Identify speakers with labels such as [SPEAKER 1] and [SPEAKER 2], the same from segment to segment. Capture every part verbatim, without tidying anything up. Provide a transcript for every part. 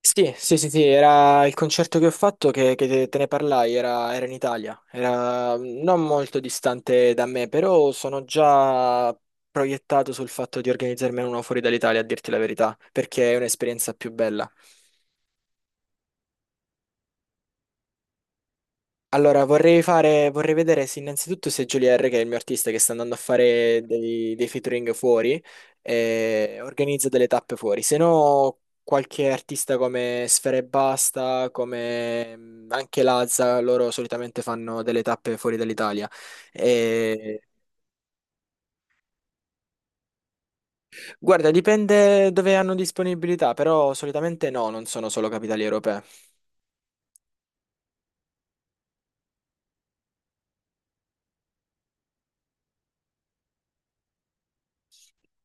[SPEAKER 1] Sì, sì, sì, sì, era il concerto che ho fatto che, che te te ne parlai, era, era in Italia, era mm, non molto distante da me, però sono già proiettato sul fatto di organizzarmene uno fuori dall'Italia, a dirti la verità, perché è un'esperienza più bella. Allora, vorrei fare, vorrei vedere se innanzitutto se Jolier, che è il mio artista che sta andando a fare dei, dei featuring fuori, eh, organizza delle tappe fuori. Se no, qualche artista come Sfera e Basta, come mm, anche Lazza, loro solitamente fanno delle tappe fuori dall'Italia. E- Guarda, dipende dove hanno disponibilità, però solitamente no, non sono solo capitali europee.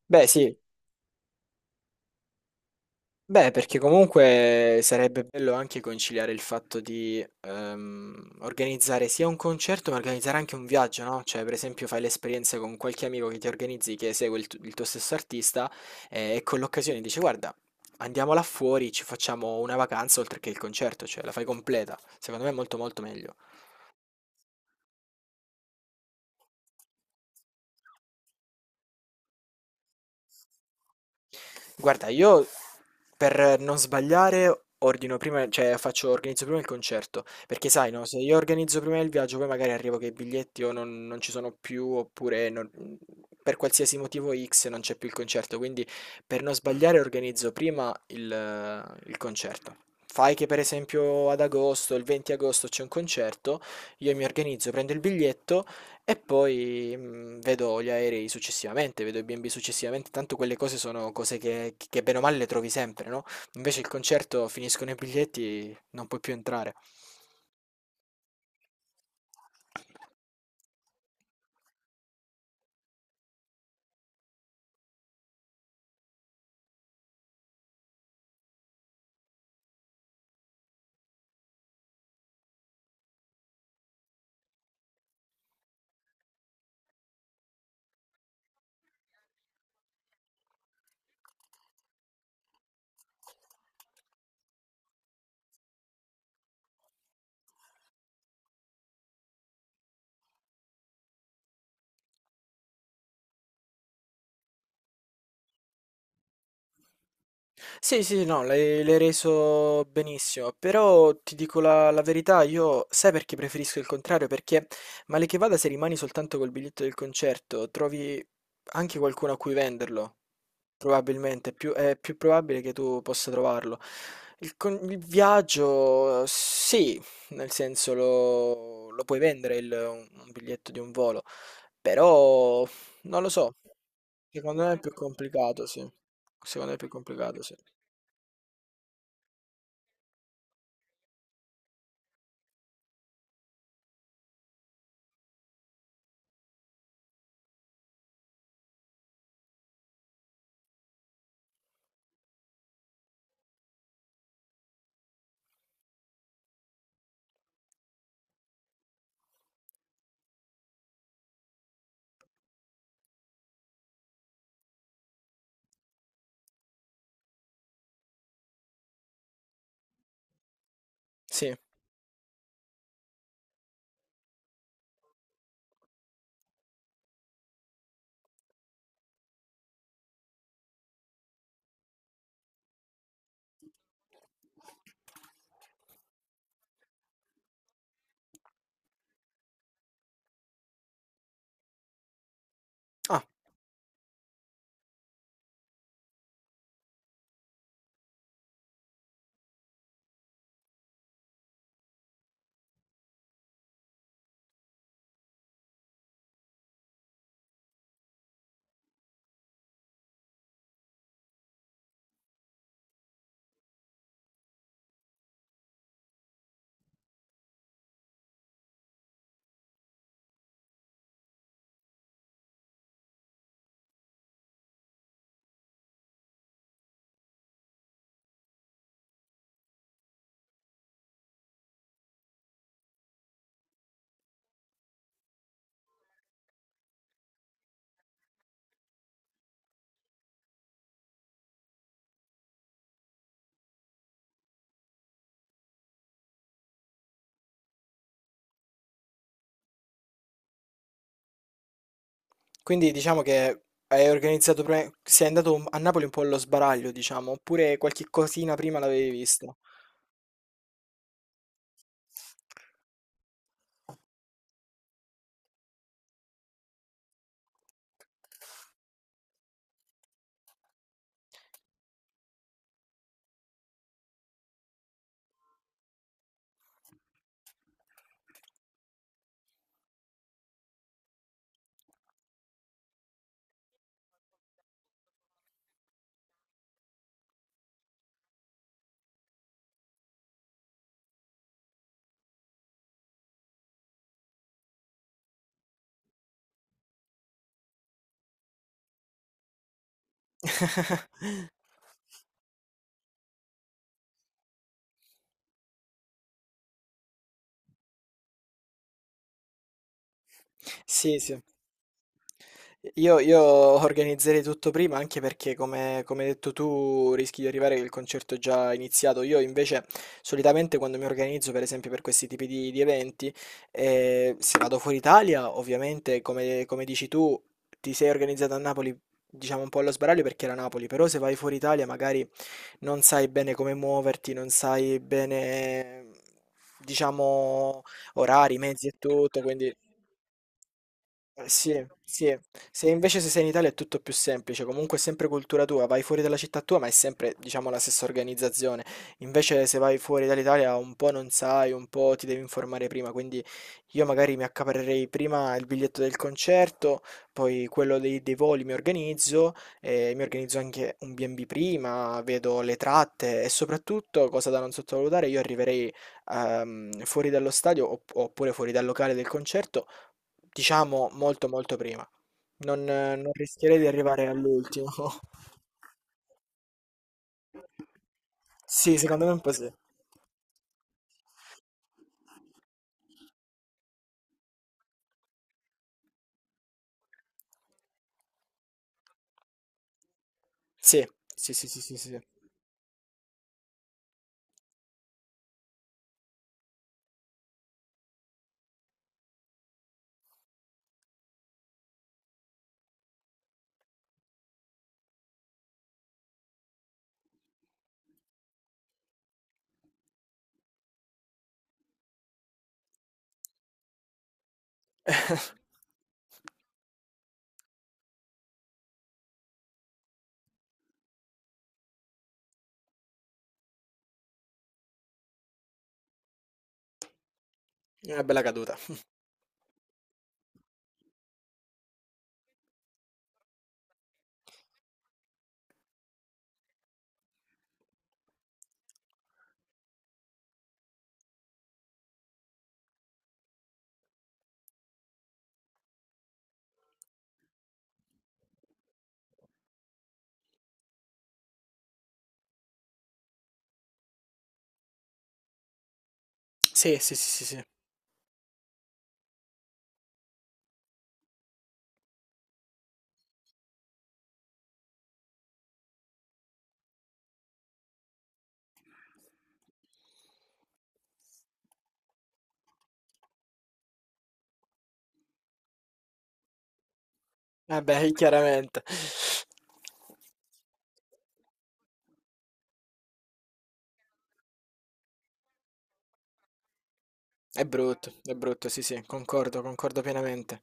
[SPEAKER 1] Beh, sì. Beh, perché comunque sarebbe bello anche conciliare il fatto di ehm, organizzare sia un concerto, ma organizzare anche un viaggio, no? Cioè, per esempio, fai l'esperienza con qualche amico che ti organizzi, che segue il, tu- il tuo stesso artista, eh, e con l'occasione dici, guarda, andiamo là fuori, ci facciamo una vacanza oltre che il concerto, cioè la fai completa. Secondo me è molto molto meglio. Guarda, io per non sbagliare ordino prima, cioè faccio, organizzo prima il concerto, perché sai, no, se io organizzo prima il viaggio, poi magari arrivo che i biglietti o non, non ci sono più, oppure non- per qualsiasi motivo X non c'è più il concerto, quindi per non sbagliare organizzo prima il, il concerto. Fai che per esempio ad agosto, il venti agosto c'è un concerto, io mi organizzo, prendo il biglietto, e poi mh, vedo gli aerei successivamente, vedo i B e B successivamente, tanto quelle cose sono cose che, che bene o male le trovi sempre, no? Invece il concerto finiscono i biglietti, non puoi più entrare. Sì, sì, no, l'hai l'hai reso benissimo, però ti dico la, la verità, io sai perché preferisco il contrario? Perché male che vada se rimani soltanto col biglietto del concerto, trovi anche qualcuno a cui venderlo. Probabilmente, è più è più probabile che tu possa trovarlo. Il con il viaggio sì, nel senso lo lo puoi vendere il un un biglietto di un volo, però non lo so, secondo me è più complicato, sì. Secondo me è più complicato, sì. Sì. Ah, quindi diciamo che hai organizzato pre sei andato un- a Napoli un po' allo sbaraglio, diciamo, oppure qualche cosina prima l'avevi vista? Sì, sì. Io, io organizzerei tutto prima anche perché, come, come hai detto tu, rischi di arrivare che il concerto è già iniziato. Io invece solitamente quando mi organizzo, per esempio, per questi tipi di, di eventi, eh, se vado fuori Italia, ovviamente, come, come dici tu, ti sei organizzato a Napoli, diciamo un po' allo sbaraglio perché era Napoli, però se vai fuori Italia magari non sai bene come muoverti, non sai bene, diciamo, orari, mezzi e tutto, quindi... Eh, sì, sì. Se invece se sei in Italia è tutto più semplice, comunque è sempre cultura tua, vai fuori dalla città tua, ma è sempre, diciamo, la stessa organizzazione. Invece se vai fuori dall'Italia un po' non sai, un po' ti devi informare prima, quindi io magari mi accaparrerei prima il biglietto del concerto, poi quello dei, dei voli mi organizzo, eh, mi organizzo anche un B e B prima, vedo le tratte e soprattutto, cosa da non sottovalutare, io arriverei ehm, fuori dallo stadio opp- oppure fuori dal locale del concerto. Diciamo molto molto prima. Non, eh, non rischierei di arrivare all'ultimo. Sì, secondo me un po' sì. Sì, sì, sì, sì, sì, sì. Una bella caduta. Sì, sì, sì, sì, sì. Vabbè, chiaramente. È brutto, è brutto, sì, sì, concordo, concordo pienamente.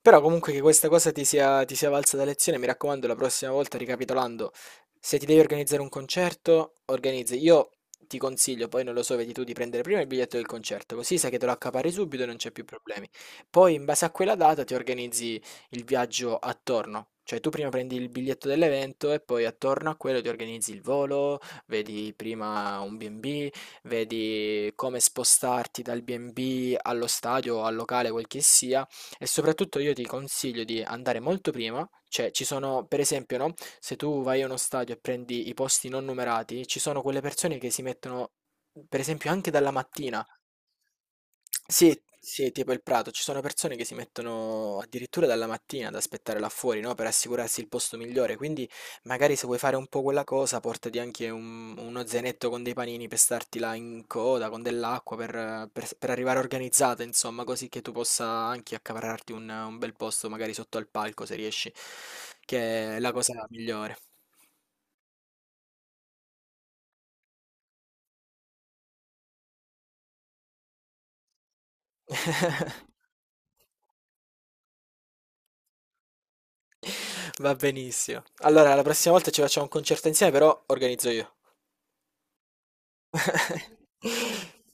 [SPEAKER 1] Però comunque che questa cosa ti sia, ti sia valsa da lezione, mi raccomando, la prossima volta, ricapitolando, se ti devi organizzare un concerto, organizzi. Io ti consiglio, poi non lo so, vedi tu di prendere prima il biglietto del concerto, così sai che te lo accapari subito e non c'è più problemi. Poi in base a quella data ti organizzi il viaggio attorno. Cioè tu prima prendi il biglietto dell'evento e poi attorno a quello ti organizzi il volo, vedi prima un B e B, vedi come spostarti dal B e B allo stadio o al locale, quel che sia, e soprattutto io ti consiglio di andare molto prima, cioè ci sono, per esempio, no? Se tu vai a uno stadio e prendi i posti non numerati, ci sono quelle persone che si mettono, per esempio, anche dalla mattina. Sì, sì, tipo il Prato, ci sono persone che si mettono addirittura dalla mattina ad aspettare là fuori, no? Per assicurarsi il posto migliore, quindi Magari se vuoi fare un po' quella cosa, portati anche un- uno zainetto con dei panini per starti là in coda, con dell'acqua, per, eh, per- per arrivare organizzata, insomma, così che tu possa anche accaparrarti un, un bel posto, magari sotto al palco, se riesci, che è la cosa migliore. Va benissimo. Allora, la prossima volta ci facciamo un concerto insieme, però organizzo io.